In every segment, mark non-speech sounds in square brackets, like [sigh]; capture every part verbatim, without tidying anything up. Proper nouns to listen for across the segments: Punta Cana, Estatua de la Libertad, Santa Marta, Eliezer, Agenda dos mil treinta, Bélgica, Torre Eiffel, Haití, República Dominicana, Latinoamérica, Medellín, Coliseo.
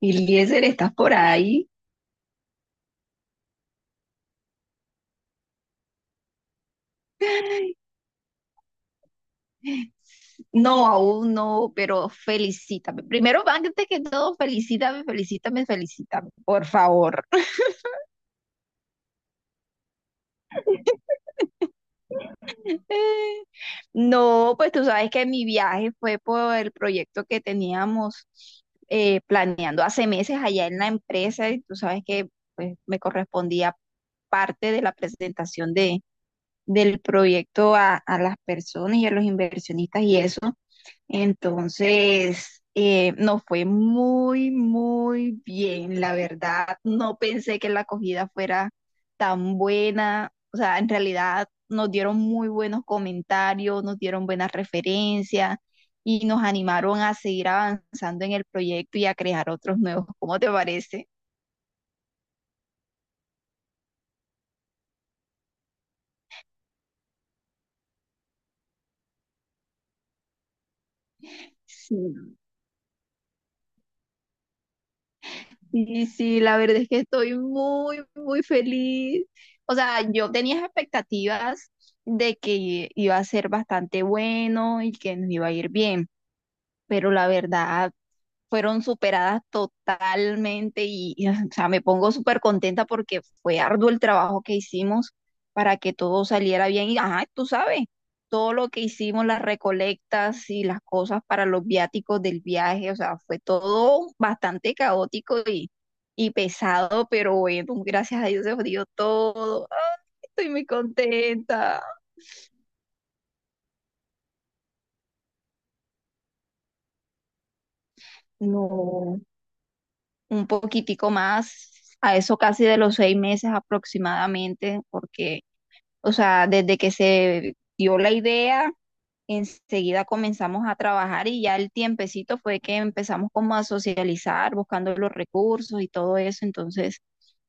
Eliezer, ¿estás por ahí? No, aún no, pero felicítame. Primero, antes que todo, felicítame, felicítame, felicítame, por favor. [laughs] No, pues tú sabes que mi viaje fue por el proyecto que teníamos eh, planeando hace meses allá en la empresa, y tú sabes que, pues, me correspondía parte de la presentación de, del proyecto a, a las personas y a los inversionistas y eso. Entonces, eh, nos fue muy, muy bien, la verdad. No pensé que la acogida fuera tan buena. O sea, en realidad nos dieron muy buenos comentarios, nos dieron buenas referencias y nos animaron a seguir avanzando en el proyecto y a crear otros nuevos. ¿Cómo te parece? Sí. Sí, sí, la verdad es que estoy muy, muy feliz. O sea, yo tenía expectativas de que iba a ser bastante bueno y que nos iba a ir bien, pero la verdad fueron superadas totalmente y, y, o sea, me pongo súper contenta porque fue arduo el trabajo que hicimos para que todo saliera bien y, ajá, tú sabes, todo lo que hicimos, las recolectas y las cosas para los viáticos del viaje. O sea, fue todo bastante caótico y, y pesado, pero bueno, gracias a Dios se dio todo. Ay, estoy muy contenta. No, un poquitico más, a eso casi de los seis meses aproximadamente, porque, o sea, desde que se dio la idea, enseguida comenzamos a trabajar, y ya el tiempecito fue que empezamos como a socializar, buscando los recursos y todo eso. Entonces,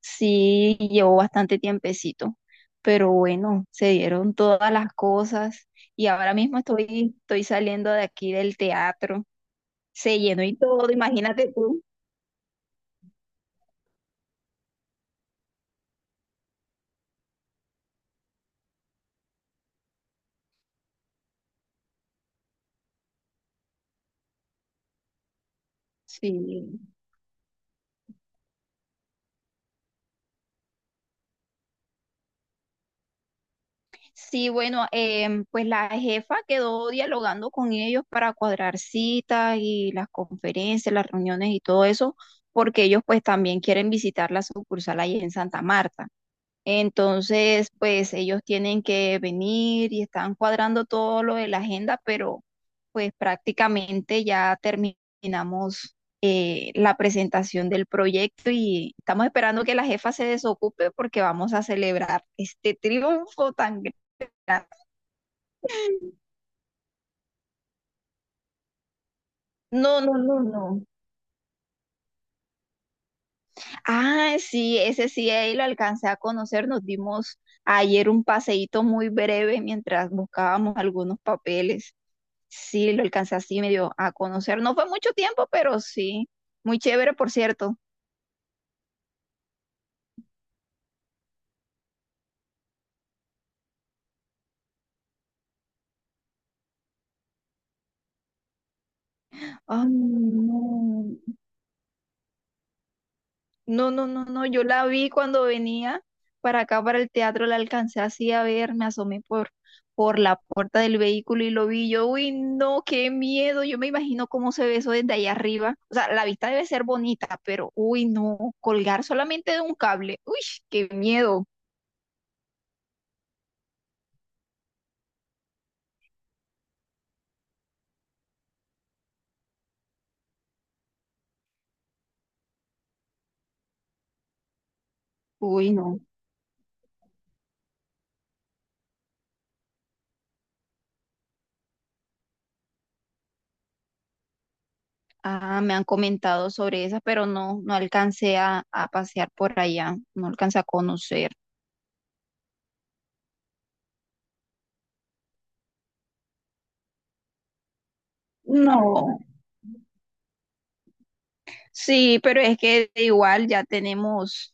sí, llevó bastante tiempecito, pero bueno, se dieron todas las cosas y ahora mismo estoy, estoy saliendo de aquí del teatro. Se llenó y todo, imagínate tú. Sí. Sí, bueno, em, pues la jefa quedó dialogando con ellos para cuadrar citas y las conferencias, las reuniones y todo eso, porque ellos pues también quieren visitar la sucursal ahí en Santa Marta. Entonces, pues ellos tienen que venir y están cuadrando todo lo de la agenda, pero pues prácticamente ya terminamos eh, la presentación del proyecto, y estamos esperando que la jefa se desocupe porque vamos a celebrar este triunfo tan grande. No, no, no, no. Ah, sí, ese sí, ahí lo alcancé a conocer. Nos dimos ayer un paseíto muy breve mientras buscábamos algunos papeles. Sí, lo alcancé así medio a conocer. No fue mucho tiempo, pero sí, muy chévere, por cierto. Ah, no. No, no, no, no, yo la vi cuando venía para acá, para el teatro, la alcancé así a ver, me asomé por, por la puerta del vehículo y lo vi yo, uy, no, qué miedo, yo me imagino cómo se ve eso desde allá arriba, o sea, la vista debe ser bonita, pero, uy, no, colgar solamente de un cable, uy, qué miedo, uy, no, ah, me han comentado sobre esa, pero no, no alcancé a, a pasear por allá, no alcancé a conocer. No. Sí, pero es que igual ya tenemos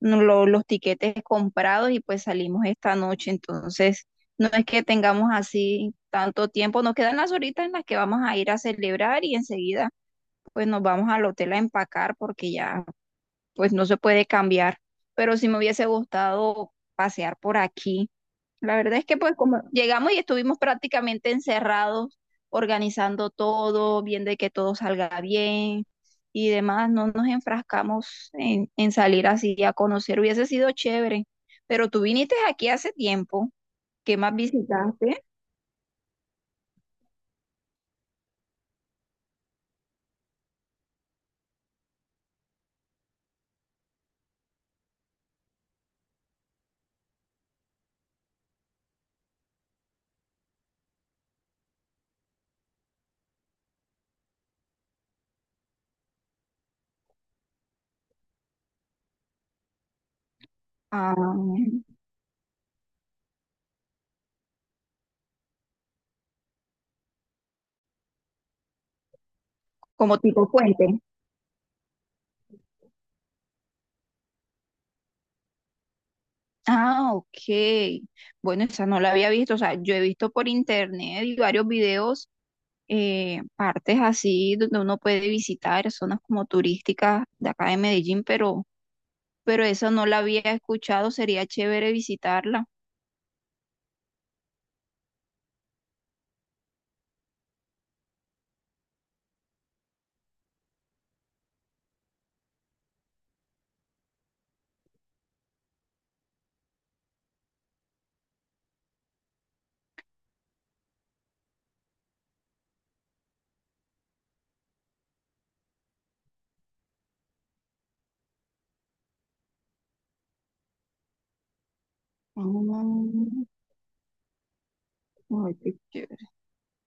no- lo- los tiquetes comprados, y pues salimos esta noche. Entonces, no es que tengamos así tanto tiempo, nos quedan las horitas en las que vamos a ir a celebrar y enseguida pues nos vamos al hotel a empacar porque ya pues no se puede cambiar. Pero sí me hubiese gustado pasear por aquí. La verdad es que pues como llegamos y estuvimos prácticamente encerrados, organizando todo, viendo que todo salga bien y demás, no nos enfrascamos en, en salir así a conocer, hubiese sido chévere, pero tú viniste aquí hace tiempo, ¿qué más visitaste? Ah, como tipo puente. Ah, ok. Bueno, esa no la había visto. O sea, yo he visto por internet y varios videos, eh, partes así donde uno puede visitar, zonas como turísticas de acá de Medellín, pero, pero esa no la había escuchado, sería chévere visitarla. Ah, ay, qué chévere.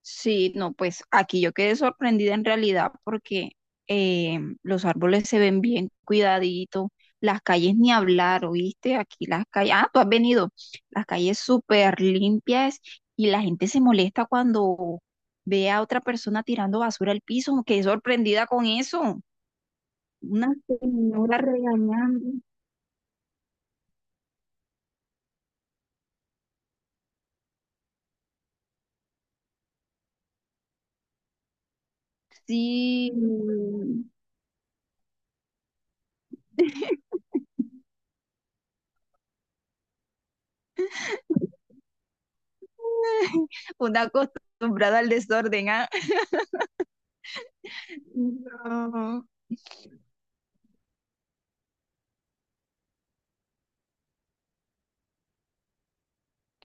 Sí, no, pues aquí yo quedé sorprendida en realidad porque, eh, los árboles se ven bien cuidaditos, las calles ni hablar, ¿oíste? Aquí las calles, ah, tú has venido, las calles súper limpias, y la gente se molesta cuando ve a otra persona tirando basura al piso. Quedé sorprendida con eso. Una señora regañando. Sí, [laughs] una acostumbrada al desorden, ¿ah? No.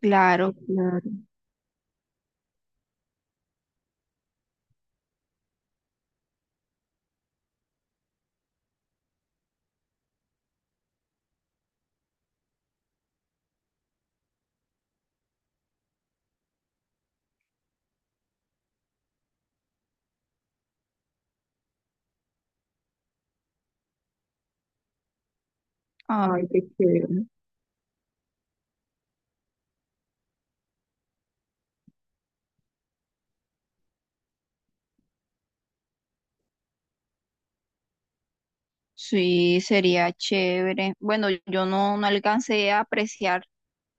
Claro, claro. Ay, qué chévere. Sí, sería chévere. Bueno, yo no, no alcancé a apreciar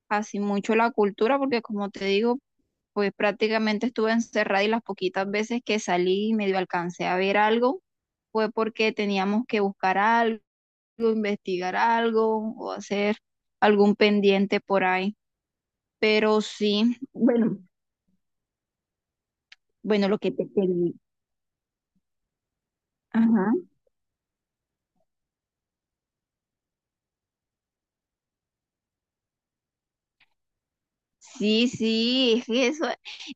así mucho la cultura porque, como te digo, pues prácticamente estuve encerrada, y las poquitas veces que salí y medio alcancé a ver algo fue porque teníamos que buscar algo, investigar algo o hacer algún pendiente por ahí. Pero sí, bueno, bueno, lo que te pedí. Ajá. Sí, sí, es que eso,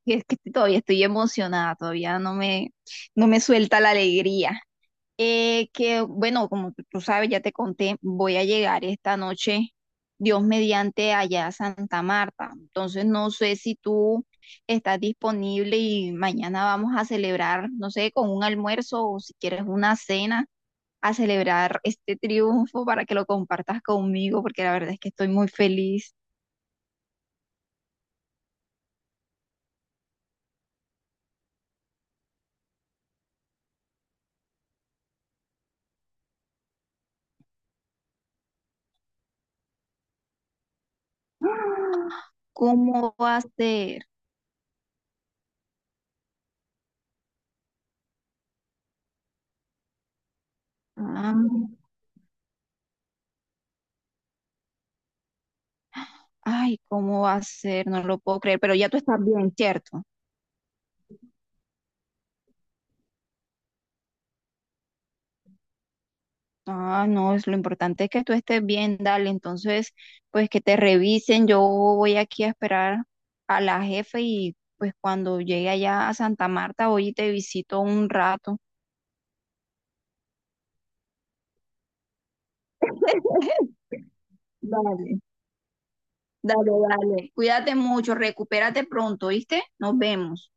es que todavía estoy emocionada, todavía no me, no me suelta la alegría. Eh, que bueno, como tú tú sabes, ya te conté, voy a llegar esta noche, Dios mediante, allá a Santa Marta. Entonces no sé si tú estás disponible y mañana vamos a celebrar, no sé, con un almuerzo, o si quieres una cena, a celebrar este triunfo para que lo compartas conmigo, porque la verdad es que estoy muy feliz. ¿Cómo va a ser? Ah, ay, ¿cómo va a ser? No lo puedo creer, pero ya tú estás bien, ¿cierto? Ah, no, es, lo importante es que tú estés bien, dale. Entonces, pues que te revisen. Yo voy aquí a esperar a la jefe y pues cuando llegue allá a Santa Marta, voy y te visito un rato. [laughs] Dale, dale, dale. Cuídate mucho, recupérate pronto, ¿viste? Nos vemos.